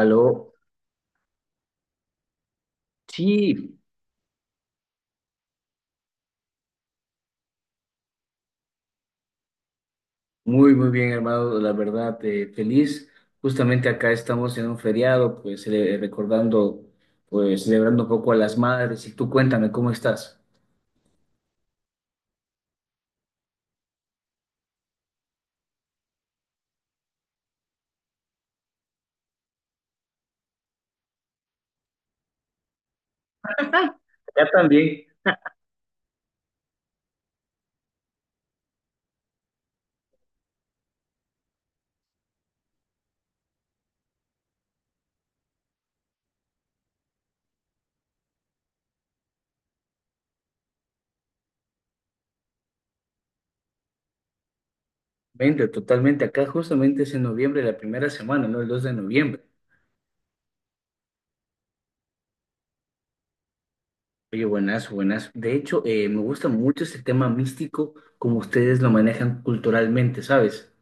Aló, sí, muy, muy bien, hermano, la verdad, feliz. Justamente acá estamos en un feriado, pues recordando, pues celebrando un poco a las madres. Y tú cuéntame, ¿cómo estás? Acá también, vente, totalmente. Acá justamente es en noviembre, la primera semana, ¿no? El 2 de noviembre. Oye, buenazo, buenazo. De hecho, me gusta mucho este tema místico, como ustedes lo manejan culturalmente, ¿sabes?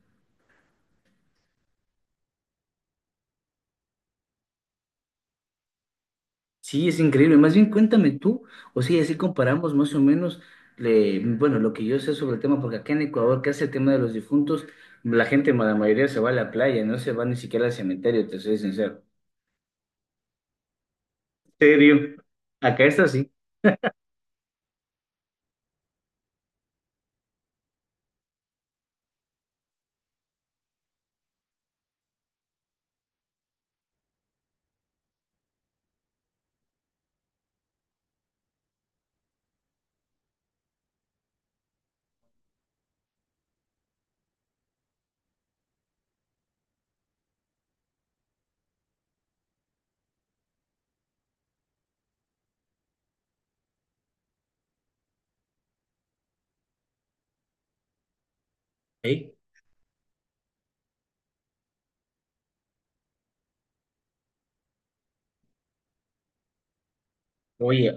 Sí, es increíble. Más bien, cuéntame tú, o sea, y así comparamos más o menos, bueno, lo que yo sé sobre el tema, porque acá en Ecuador, que hace el tema de los difuntos, la gente, la mayoría se va a la playa, no se va ni siquiera al cementerio, te soy sincero. ¿En serio? Acá está así. ¿Eh? Oye,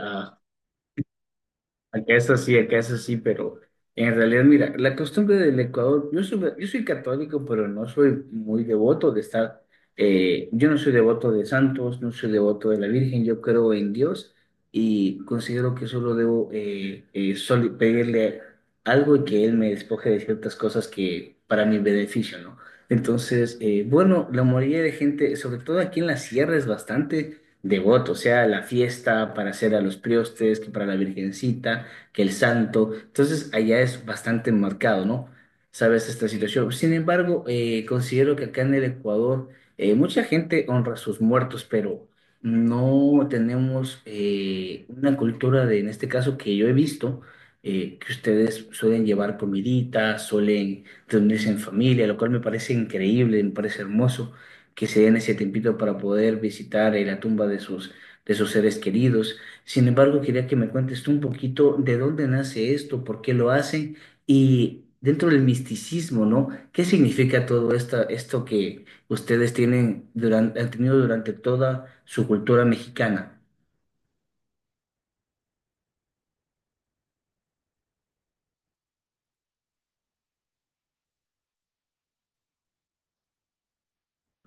acá es así, acá es así, pero en realidad, mira, la costumbre del Ecuador, yo soy católico, pero no soy muy devoto de estar, yo no soy devoto de santos, no soy devoto de la Virgen, yo creo en Dios y considero que solo debo solo pedirle algo y que Él me despoje de ciertas cosas que para mi beneficio, ¿no? Entonces, bueno, la mayoría de gente, sobre todo aquí en la sierra, es bastante devoto, o sea, la fiesta para hacer a los priostes, que para la Virgencita que el santo. Entonces, allá es bastante marcado, ¿no? Sabes esta situación. Sin embargo, considero que acá en el Ecuador mucha gente honra a sus muertos, pero no tenemos una cultura de, en este caso, que yo he visto, que ustedes suelen llevar comiditas, suelen reunirse en familia, lo cual me parece increíble, me parece hermoso que se den ese tiempito para poder visitar la tumba de sus seres queridos. Sin embargo, quería que me cuentes tú un poquito de dónde nace esto, por qué lo hacen y dentro del misticismo, ¿no? ¿Qué significa esto que ustedes tienen durante, han tenido durante toda su cultura mexicana?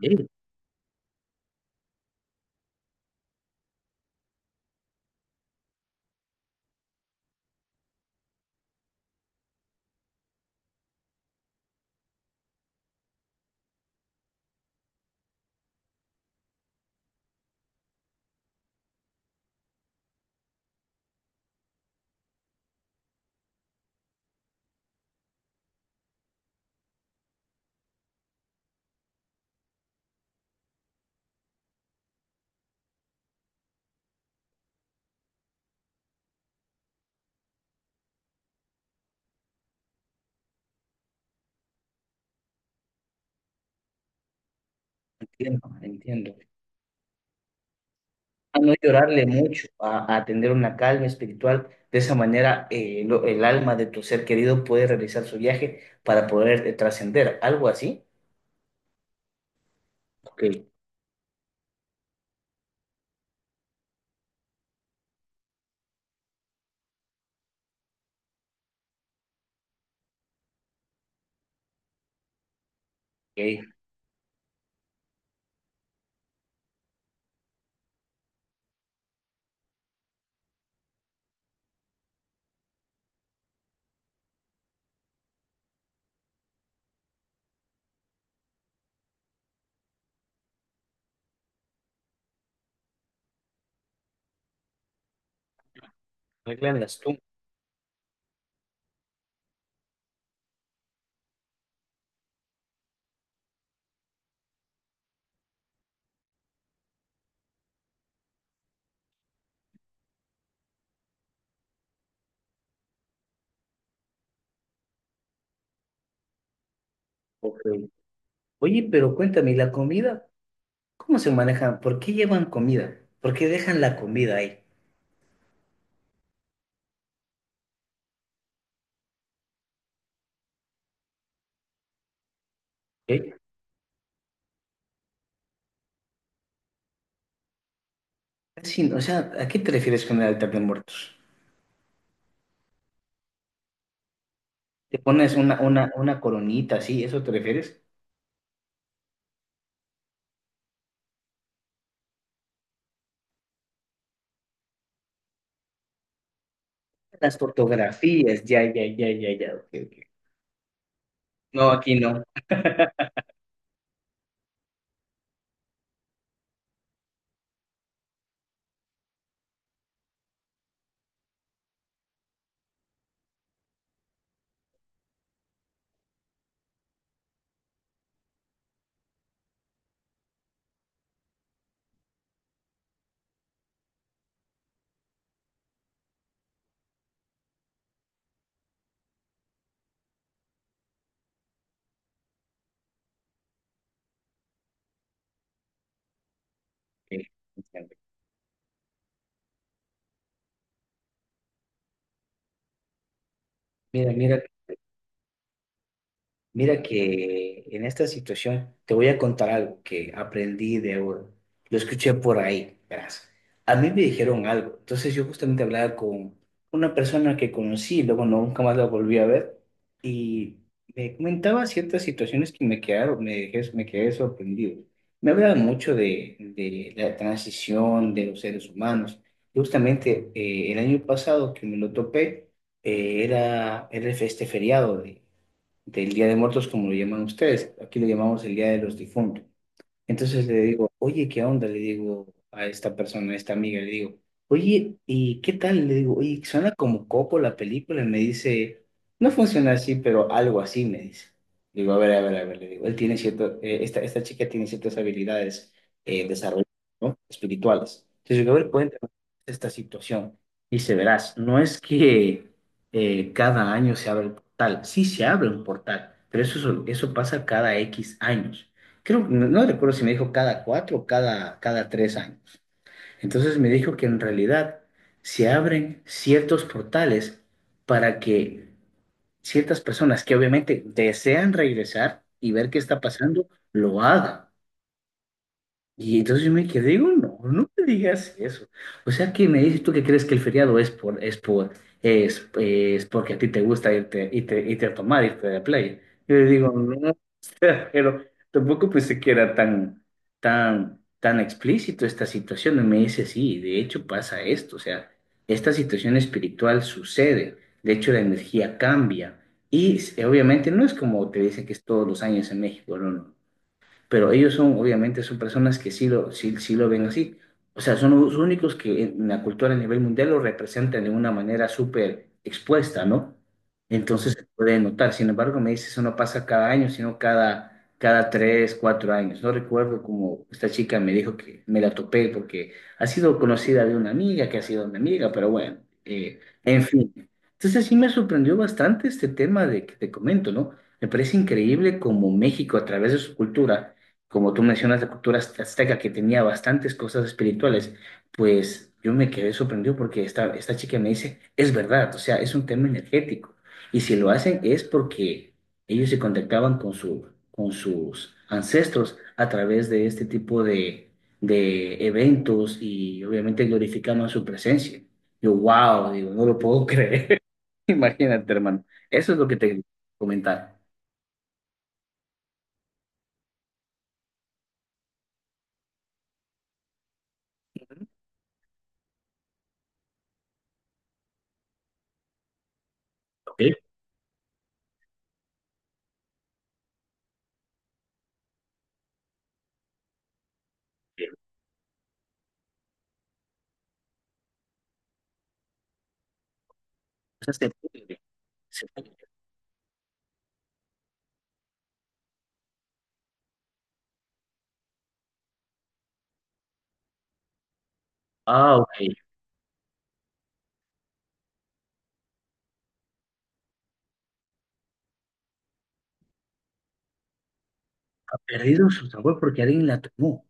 Sí, entiendo, entiendo. A no llorarle mucho, a tener una calma espiritual. De esa manera, el alma de tu ser querido puede realizar su viaje para poder trascender. ¿Algo así? Ok, ok. Arreglan las tumbas. Ok. Oye, pero cuéntame, ¿y la comida? ¿Cómo se manejan? ¿Por qué llevan comida? ¿Por qué dejan la comida ahí? ¿Eh? O sea, ¿a qué te refieres con el altar de muertos? ¿Te pones una coronita así? ¿Eso te refieres? Las fotografías, ya, ya, ya, ya, ya. Ok, ok. No, aquí no. Ok, entiendo. Mira, mira, mira que en esta situación te voy a contar algo que aprendí de oro. Lo escuché por ahí, verás. A mí me dijeron algo. Entonces yo justamente hablaba con una persona que conocí, luego no, nunca más la volví a ver y me comentaba ciertas situaciones que me quedaron, me quedé sorprendido. Me hablaba mucho de la transición de los seres humanos. Justamente el año pasado que me lo topé, era este feriado de del Día de Muertos, como lo llaman ustedes. Aquí lo llamamos el Día de los Difuntos. Entonces le digo, oye, ¿qué onda? Le digo a esta persona, a esta amiga, le digo, oye, ¿y qué tal? Le digo, oye, suena como copo la película. Y me dice, no funciona así, pero algo así, me dice. Digo, a ver, a ver, a ver, le digo, él tiene cierto, esta chica tiene ciertas habilidades desarrolladas, ¿no? Espirituales. Entonces digo, a ver, cuéntame esta situación. Dice, verás, no es que cada año se abre el portal. Sí se abre un portal, pero eso pasa cada X años creo, no, no recuerdo si me dijo cada cuatro o cada tres años. Entonces me dijo que en realidad se abren ciertos portales para que ciertas personas que obviamente desean regresar y ver qué está pasando, lo hagan. Y entonces yo me quedé, digo, no, no me digas eso. O sea, que me dices tú que crees que el feriado es es porque a ti te gusta irte a tomar, irte de playa. Yo le digo, no, pero tampoco pensé que era tan, tan, tan explícito esta situación. Y me dice, sí, de hecho pasa esto. O sea, esta situación espiritual sucede. De hecho, la energía cambia. Obviamente no es como te dicen que es todos los años en México, no, no, pero ellos son, obviamente, son personas que sí lo ven así. O sea, son los únicos que en la cultura a nivel mundial lo representan de una manera súper expuesta, ¿no? Entonces se puede notar. Sin embargo, me dice, eso no pasa cada año, sino cada tres, cuatro años. No recuerdo cómo esta chica me dijo que me la topé porque ha sido conocida de una amiga que ha sido mi amiga, pero bueno, en fin. Entonces sí me sorprendió bastante este tema de que te comento, ¿no? Me parece increíble cómo México, a través de su cultura, como tú mencionas, la cultura azteca que tenía bastantes cosas espirituales, pues yo me quedé sorprendido porque esta chica me dice, es verdad, o sea, es un tema energético. Y si lo hacen es porque ellos se contactaban con su, con sus ancestros a través de este tipo de eventos y obviamente glorificaban su presencia. Yo, wow, digo, no lo puedo creer. Imagínate, hermano. Eso es lo que te quería comentar. ¿Ok? O sea, se puede, se puede. Ah, ok. Ha perdido su sabor porque alguien la tomó.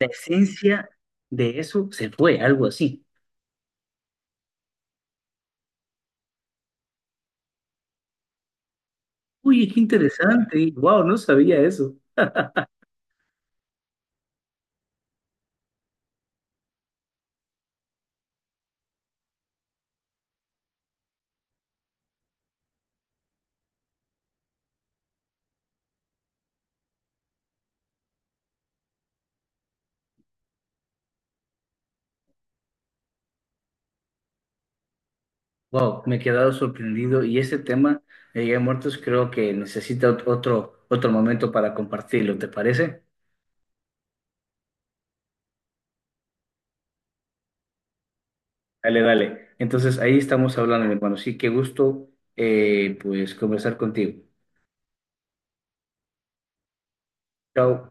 La esencia de eso se fue, algo así. Uy, qué interesante. Wow, no sabía eso. Wow, me he quedado sorprendido y ese tema de Día de Muertos creo que necesita otro, otro momento para compartirlo, ¿te parece? Dale, dale. Entonces ahí estamos hablando, mi hermano. Sí, qué gusto pues conversar contigo. Chao.